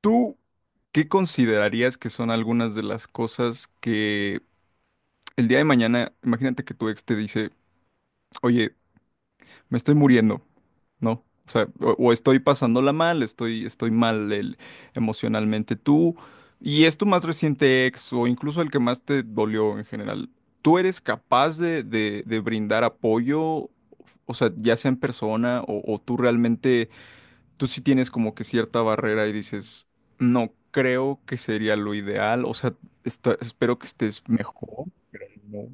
¿Tú qué considerarías que son algunas de las cosas que el día de mañana, imagínate que tu ex te dice, oye, me estoy muriendo, ¿no? O sea, o estoy pasándola mal, estoy mal el- emocionalmente. Tú, y es tu más reciente ex o incluso el que más te dolió en general, ¿tú eres capaz de brindar apoyo? O sea, ya sea en persona o tú realmente tú sí tienes como que cierta barrera y dices, no creo que sería lo ideal, o sea, esta- espero que estés mejor, pero no.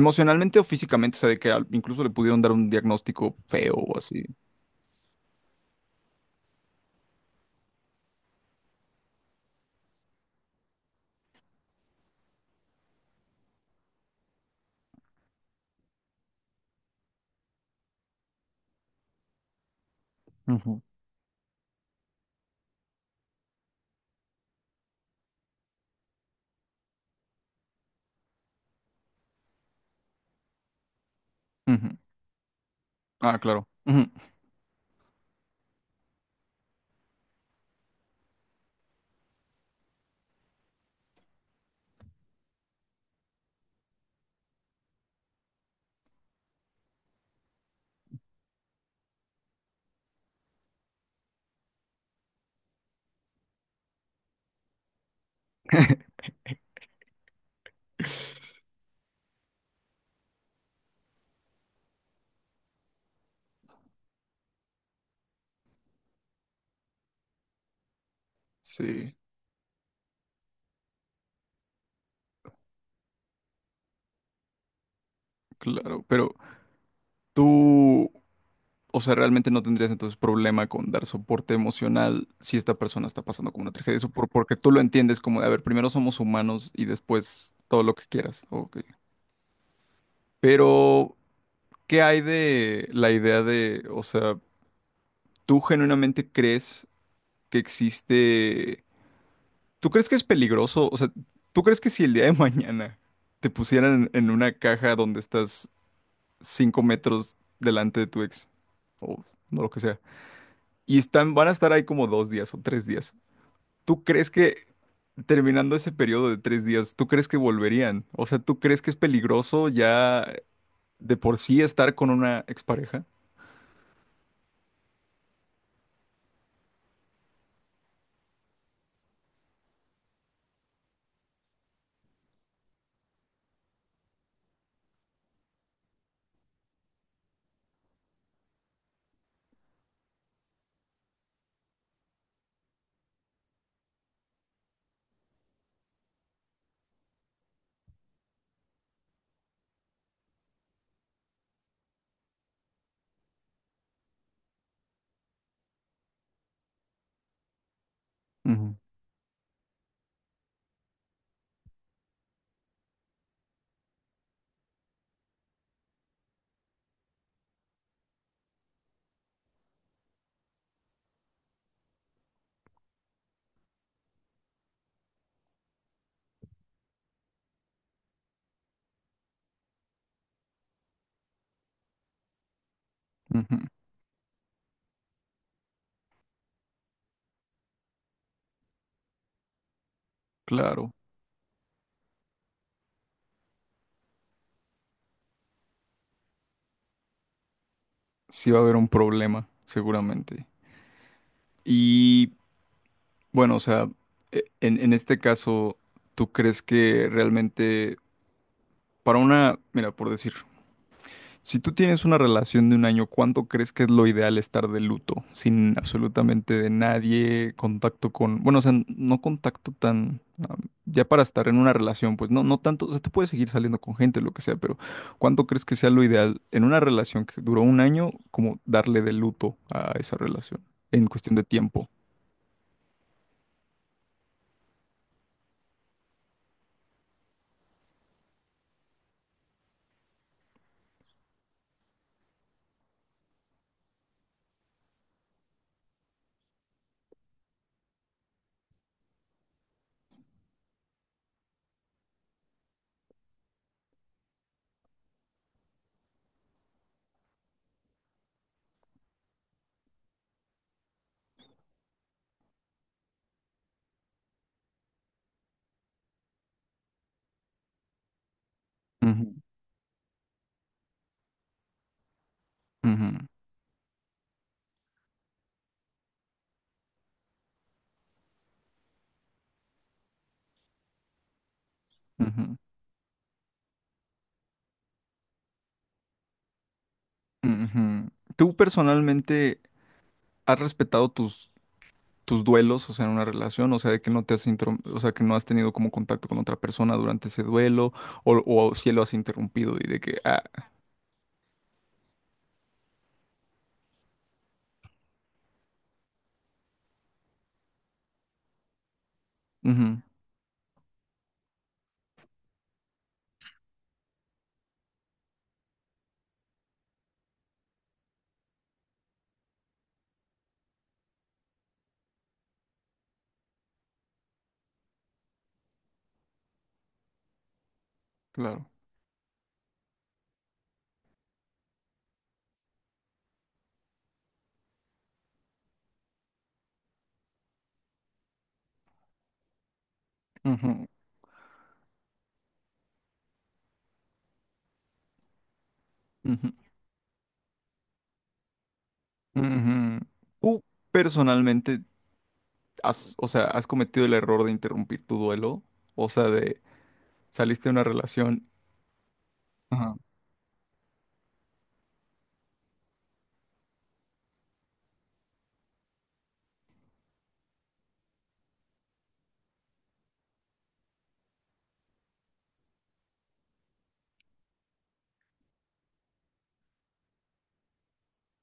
Emocionalmente o físicamente, o sea, de que al- incluso le pudieron dar un diagnóstico feo o así. Ujú. Ujú. Ah, claro. Ujú. Sí, claro, pero tú, o sea, realmente no tendrías entonces problema con dar soporte emocional si esta persona está pasando como una tragedia, eso por- porque tú lo entiendes como de, a ver, primero somos humanos y después todo lo que quieras, ok. Pero ¿qué hay de la idea de, o sea, tú genuinamente crees que existe, tú crees que es peligroso, o sea, tú crees que si el día de mañana te pusieran en una caja donde estás cinco metros delante de tu ex, o no lo que sea, y están, van a estar ahí como dos días o tres días, ¿tú crees que terminando ese periodo de tres días, tú crees que volverían? O sea, ¿tú crees que es peligroso ya de por sí estar con una expareja? Ujú, ujú, claro. Sí va a haber un problema, seguramente. Y bueno, o sea, e- en este caso, ¿tú crees que realmente para una, mira, por decir, si tú tienes una relación de un año, ¿cuánto crees que es lo ideal estar de luto? Sin absolutamente de nadie, contacto con, bueno, o sea, no contacto tan, ah, ya para estar en una relación, pues no, no tanto, o sea, te puedes seguir saliendo con gente, lo que sea, pero ¿cuánto crees que sea lo ideal en una relación que duró un año, como darle de luto a esa relación en cuestión de tiempo? Ujú, ujú, ujú, ujú. ¿Tú personalmente has respetado tus duelos, o sea, en una relación, o sea, de que no te has intro- o sea, que no has tenido como contacto con otra persona durante ese duelo, o si lo has interrumpido y de que, ah, ujú, claro, ujú, ujú, ujú. ¿Tú personalmente has, o sea, has cometido el error de interrumpir tu duelo? O sea, de saliste de una relación, ajá,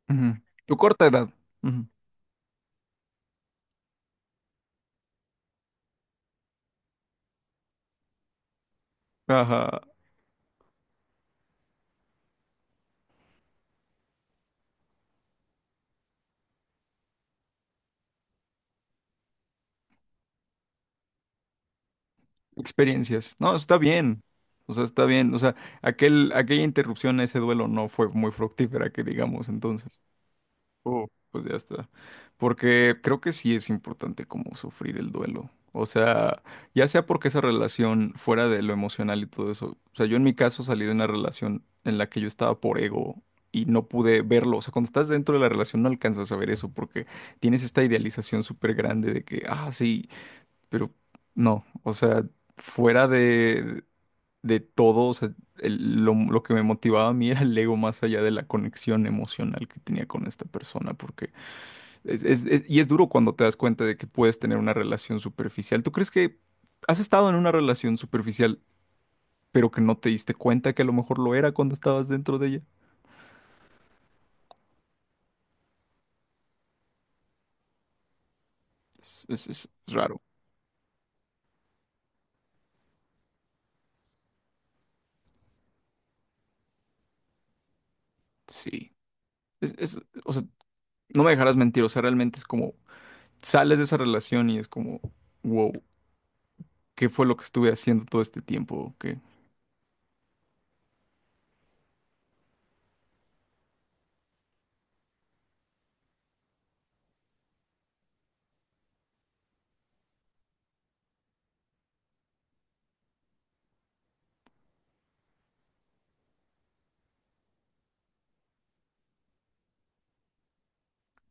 ujú, tu corta edad, ujú, ajá, experiencias. No, está bien. O sea, está bien. O sea, aquella interrupción a ese duelo no fue muy fructífera, que digamos, entonces. Oh, pues ya está. Porque creo que sí es importante como sufrir el duelo. O sea, ya sea porque esa relación fuera de lo emocional y todo eso. O sea, yo en mi caso salí de una relación en la que yo estaba por ego y no pude verlo. O sea, cuando estás dentro de la relación no alcanzas a ver eso porque tienes esta idealización súper grande de que, ah, sí. Pero no, o sea, fuera de todo, o sea, el- lo que me motivaba a mí era el ego más allá de la conexión emocional que tenía con esta persona, porque es- y es duro cuando te das cuenta de que puedes tener una relación superficial. ¿Tú crees que has estado en una relación superficial, pero que no te diste cuenta que a lo mejor lo era cuando estabas dentro de ella? Es raro, sí. Es- o sea, no me dejarás mentir, o sea, realmente es como, sales de esa relación y es como... Wow. Qué fue lo que estuve haciendo todo este tiempo, que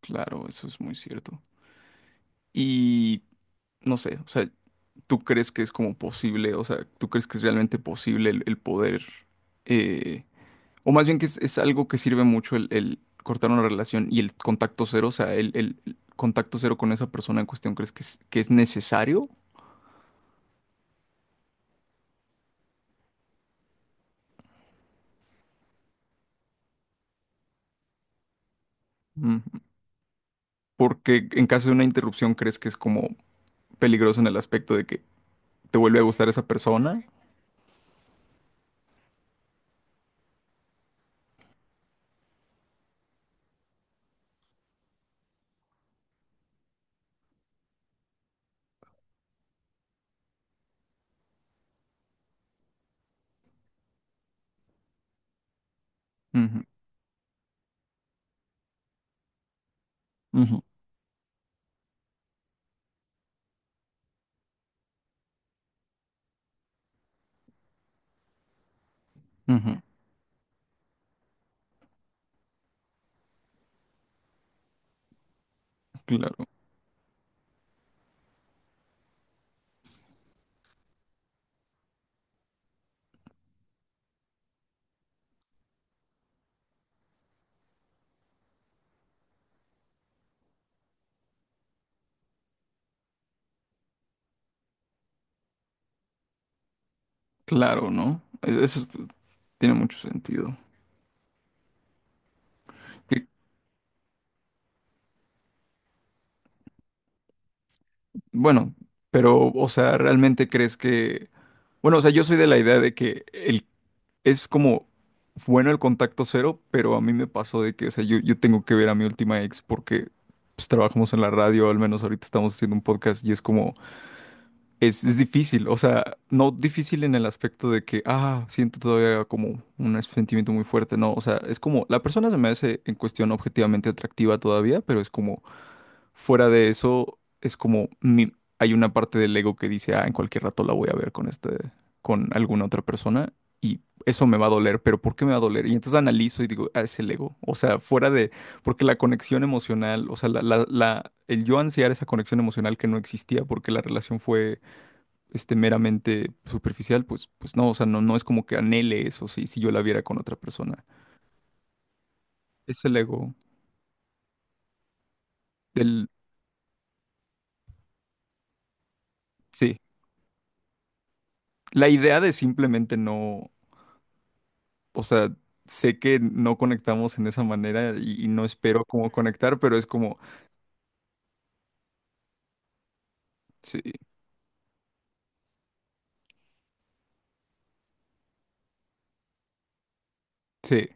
claro, eso es muy cierto. Y no sé, o sea, ¿tú crees que es como posible, o sea, ¿tú crees que es realmente posible el poder, eh, o más bien que es algo que sirve mucho el cortar una relación y el contacto cero, o sea, el contacto cero con esa persona en cuestión, ¿crees que es necesario? Mm, porque en caso de una interrupción, ¿crees que es como peligroso en el aspecto de que te vuelve a gustar esa persona? Ujú, ujú, ujú, claro. Claro, ¿no? Es- eso es- tiene mucho sentido. Que- bueno, pero, o sea, ¿realmente crees que... Bueno, o sea, yo soy de la idea de que el... es como bueno el contacto cero, pero a mí me pasó de que, o sea, yo, tengo que ver a mi última ex porque pues, trabajamos en la radio, al menos ahorita estamos haciendo un podcast y es como, es difícil, o sea, no difícil en el aspecto de que, ah, siento todavía como un sentimiento muy fuerte, no, o sea, es como, la persona se me hace en cuestión objetivamente atractiva todavía, pero es como, fuera de eso, es como mi- hay una parte del ego que dice, ah, en cualquier rato la voy a ver con este, con alguna otra persona y eso me va a doler, pero ¿por qué me va a doler? Y entonces analizo y digo, ah, es el ego. O sea, fuera de, porque la conexión emocional, o sea, la el yo ansiar esa conexión emocional que no existía porque la relación fue, este, meramente superficial, pues, pues no, o sea, no, no es como que anhele eso, si, si yo la viera con otra persona. Es el ego. El, sí. La idea de simplemente no. O sea, sé que no conectamos en esa manera y no espero como conectar, pero es como, sí, sí,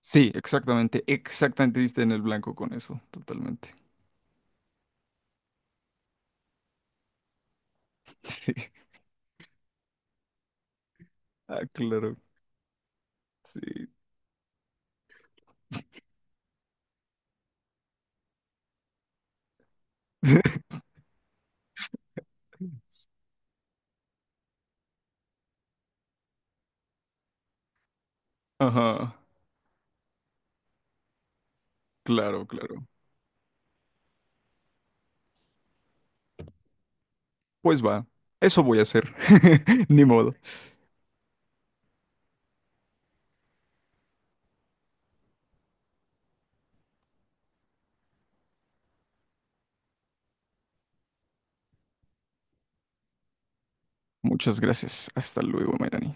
sí, exactamente, exactamente diste en el blanco con eso, totalmente. Sí, ah, claro, sí. Ajá, claro, claro. Pues va, eso voy a hacer. Ni modo. Muchas gracias. Hasta luego, Mayrani.